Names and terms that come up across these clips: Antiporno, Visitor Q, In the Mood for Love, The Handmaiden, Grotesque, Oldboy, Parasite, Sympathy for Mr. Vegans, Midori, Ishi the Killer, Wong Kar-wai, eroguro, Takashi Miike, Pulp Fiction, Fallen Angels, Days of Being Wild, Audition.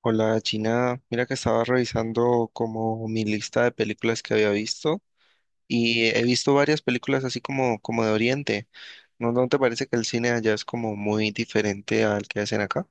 Hola Gina, mira que estaba revisando como mi lista de películas que había visto y he visto varias películas así como, como de Oriente. ¿No te parece que el cine allá es como muy diferente al que hacen acá?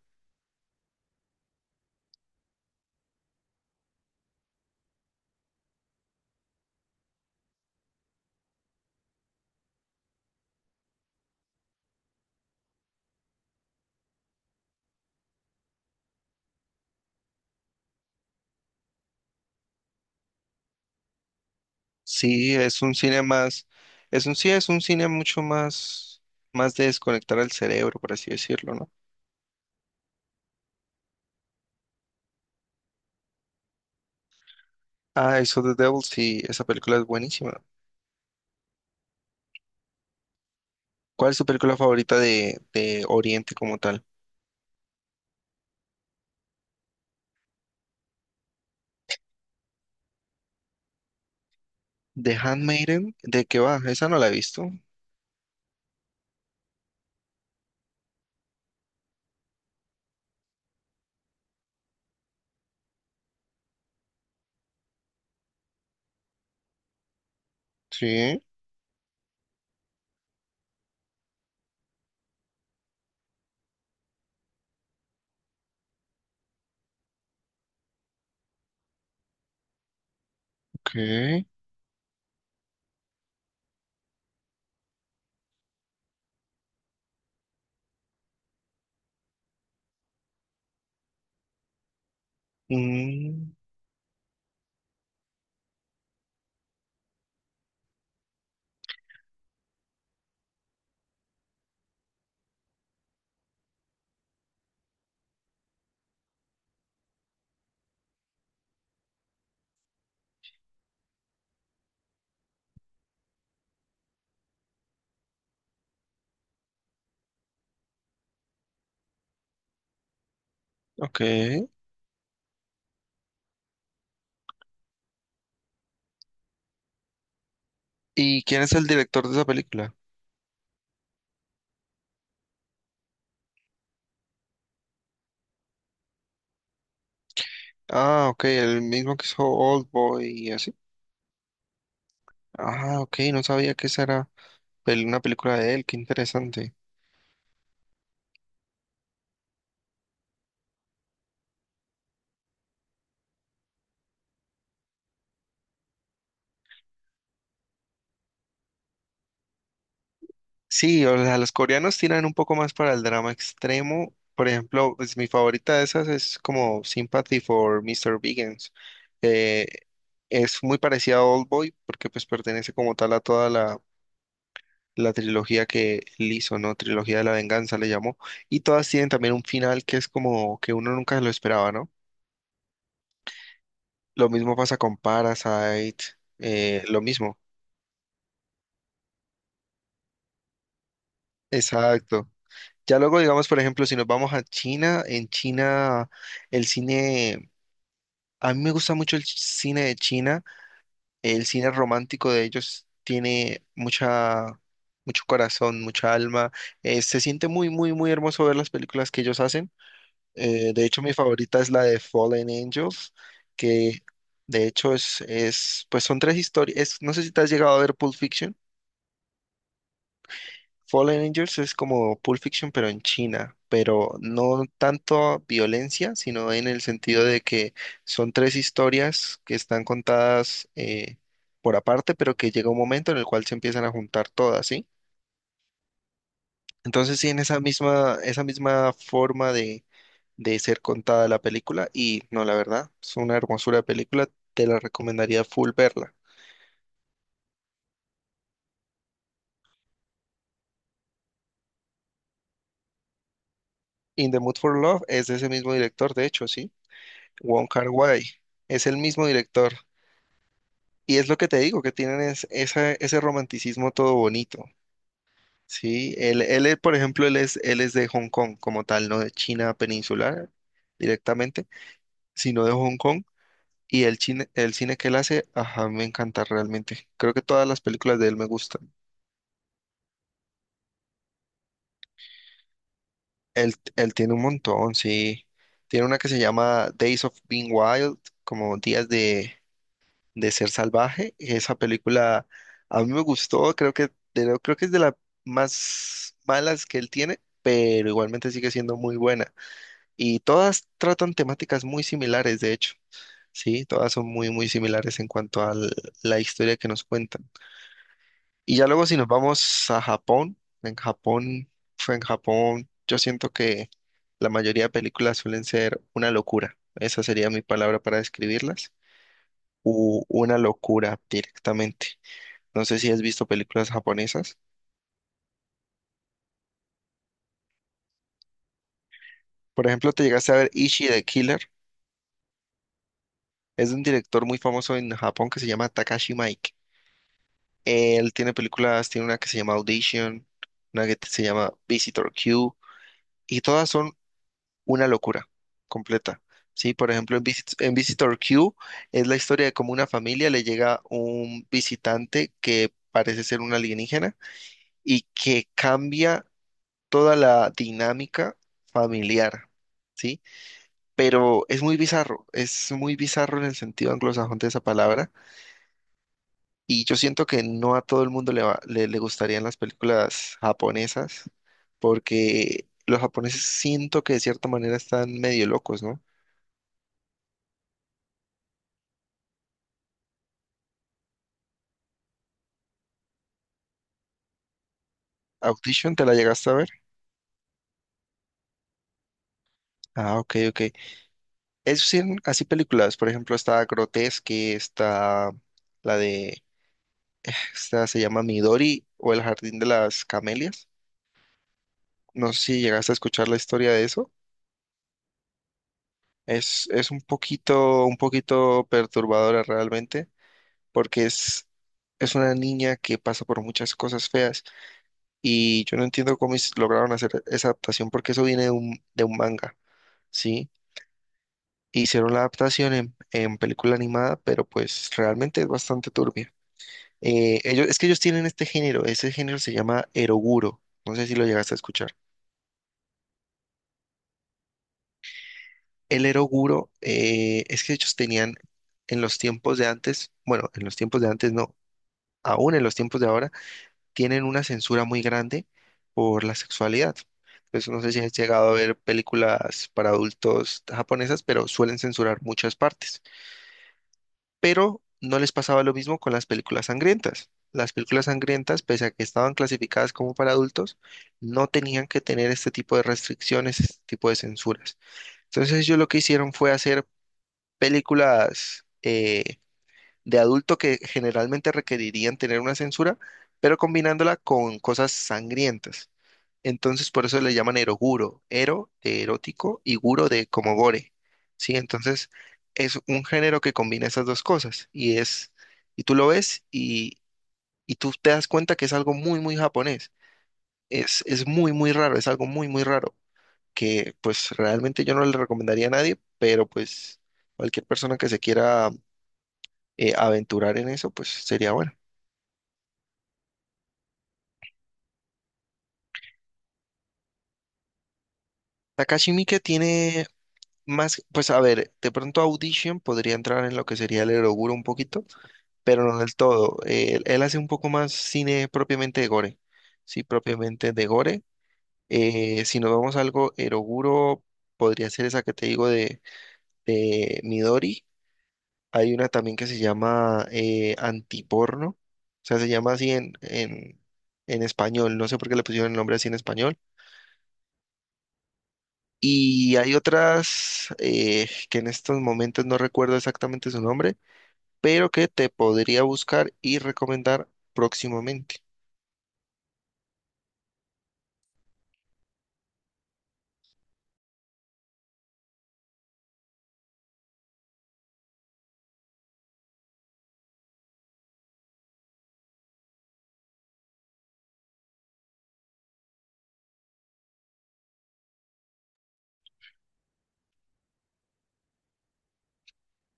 Sí, es un cine más, es un sí, es un cine mucho más, más de desconectar el cerebro, por así decirlo, ¿no? Ah, eso The Devil, sí, esa película es buenísima. ¿Cuál es tu película favorita de Oriente como tal? The Handmaiden, ¿de qué va? Esa no la he visto. Sí, ok. Mm, ok. ¿Y quién es el director de esa película? Ah, ok, el mismo que hizo Oldboy y así. Ah, ok, no sabía que esa era una película de él, qué interesante. Sí, o sea, los coreanos tiran un poco más para el drama extremo. Por ejemplo, pues, mi favorita de esas es como Sympathy for Mr. Vegans. Eh, es muy parecida a Oldboy porque pues pertenece como tal a toda la la trilogía que él hizo, ¿no? Trilogía de la venganza le llamó. Y todas tienen también un final que es como que uno nunca lo esperaba, ¿no? Lo mismo pasa con Parasite, lo mismo. Exacto. Ya luego, digamos, por ejemplo, si nos vamos a China, en China el cine, a mí me gusta mucho el cine de China, el cine romántico de ellos tiene mucha, mucho corazón, mucha alma, se siente muy, muy, muy hermoso ver las películas que ellos hacen. De hecho, mi favorita es la de Fallen Angels, que de hecho es pues son tres historias. No sé si te has llegado a ver Pulp Fiction. Fallen Angels es como Pulp Fiction, pero en China, pero no tanto violencia, sino en el sentido de que son tres historias que están contadas por aparte, pero que llega un momento en el cual se empiezan a juntar todas, ¿sí? Entonces sí en esa misma forma de ser contada la película y no, la verdad, es una hermosura de película, te la recomendaría full verla. In the Mood for Love es de ese mismo director, de hecho, sí, Wong Kar-wai, es el mismo director. Y es lo que te digo, que tienen es, ese romanticismo todo bonito, ¿sí? Él, por ejemplo, él es de Hong Kong como tal, no de China peninsular directamente, sino de Hong Kong. Y el cine que él hace, ajá, me encanta realmente. Creo que todas las películas de él me gustan. Él tiene un montón, sí. Tiene una que se llama Days of Being Wild, como Días de Ser Salvaje. Esa película a mí me gustó, creo que, creo que es de las más malas que él tiene, pero igualmente sigue siendo muy buena. Y todas tratan temáticas muy similares, de hecho. Sí, todas son muy, muy similares en cuanto a la historia que nos cuentan. Y ya luego si nos vamos a Japón, en Japón, fue en Japón, yo siento que la mayoría de películas suelen ser una locura. Esa sería mi palabra para describirlas. U una locura directamente. No sé si has visto películas japonesas. Por ejemplo, te llegaste a ver Ishi the Killer. Es de un director muy famoso en Japón que se llama Takashi Miike. Él tiene películas, tiene una que se llama Audition, una que se llama Visitor Q, y todas son una locura completa. Sí, por ejemplo, en Visitor Q es la historia de cómo una familia le llega un visitante que parece ser un alienígena y que cambia toda la dinámica familiar, ¿sí? Pero es muy bizarro en el sentido anglosajón de esa palabra y yo siento que no a todo el mundo le gustarían las películas japonesas porque los japoneses siento que de cierta manera están medio locos, no. Audition, ¿te la llegaste a ver? Ah, ok, ok. Es sí, así películas, por ejemplo, está Grotesque, está la de, esta se llama Midori o El Jardín de las Camelias. No sé si llegaste a escuchar la historia de eso. Es un poquito perturbadora realmente, porque es una niña que pasa por muchas cosas feas y yo no entiendo cómo lograron hacer esa adaptación porque eso viene de un manga, ¿sí? Hicieron la adaptación en película animada, pero pues realmente es bastante turbia. Ellos, es que ellos tienen este género, ese género se llama eroguro, no sé si lo llegaste a escuchar. El eroguro es que ellos tenían en los tiempos de antes, bueno, en los tiempos de antes no, aún en los tiempos de ahora, tienen una censura muy grande por la sexualidad. Entonces, no sé si has llegado a ver películas para adultos japonesas, pero suelen censurar muchas partes. Pero no les pasaba lo mismo con las películas sangrientas. Las películas sangrientas, pese a que estaban clasificadas como para adultos, no tenían que tener este tipo de restricciones, este tipo de censuras. Entonces ellos lo que hicieron fue hacer películas de adulto que generalmente requerirían tener una censura, pero combinándola con cosas sangrientas. Entonces, por eso le llaman eroguro, ero de erótico y guro de como gore. Sí, entonces es un género que combina esas dos cosas y es y tú lo ves y tú te das cuenta que es algo muy muy japonés. Es muy muy raro, es algo muy muy raro que pues realmente yo no le recomendaría a nadie, pero pues cualquier persona que se quiera aventurar en eso, pues sería bueno. Takashi Miike tiene más, pues a ver, de pronto Audition podría entrar en lo que sería el Eroguro un poquito, pero no del todo. Él, él hace un poco más cine propiamente de gore, sí, propiamente de gore. Si nos vamos a algo, Eroguro podría ser esa que te digo de Midori. Hay una también que se llama Antiporno, o sea, se llama así en español, no sé por qué le pusieron el nombre así en español. Y hay otras que en estos momentos no recuerdo exactamente su nombre, pero que te podría buscar y recomendar próximamente.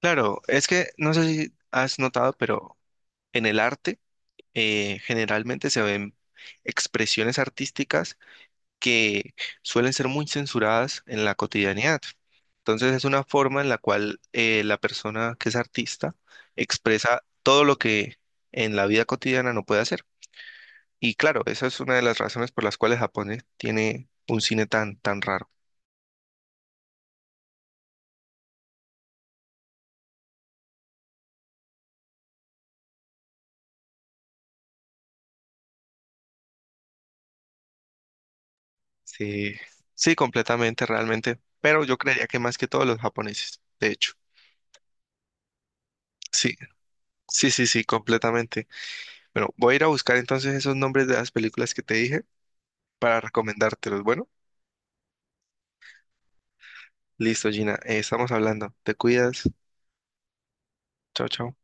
Claro, es que no sé si has notado, pero en el arte generalmente se ven expresiones artísticas que suelen ser muy censuradas en la cotidianidad. Entonces es una forma en la cual la persona que es artista expresa todo lo que en la vida cotidiana no puede hacer. Y claro, esa es una de las razones por las cuales Japón tiene un cine tan, tan raro. Sí, sí, completamente, realmente. Pero yo creería que más que todos los japoneses, de hecho. Sí, sí, sí, sí, completamente. Bueno, voy a ir a buscar entonces esos nombres de las películas que te dije para recomendártelos. Bueno, listo, Gina, estamos hablando. Te cuidas. Chao, chao.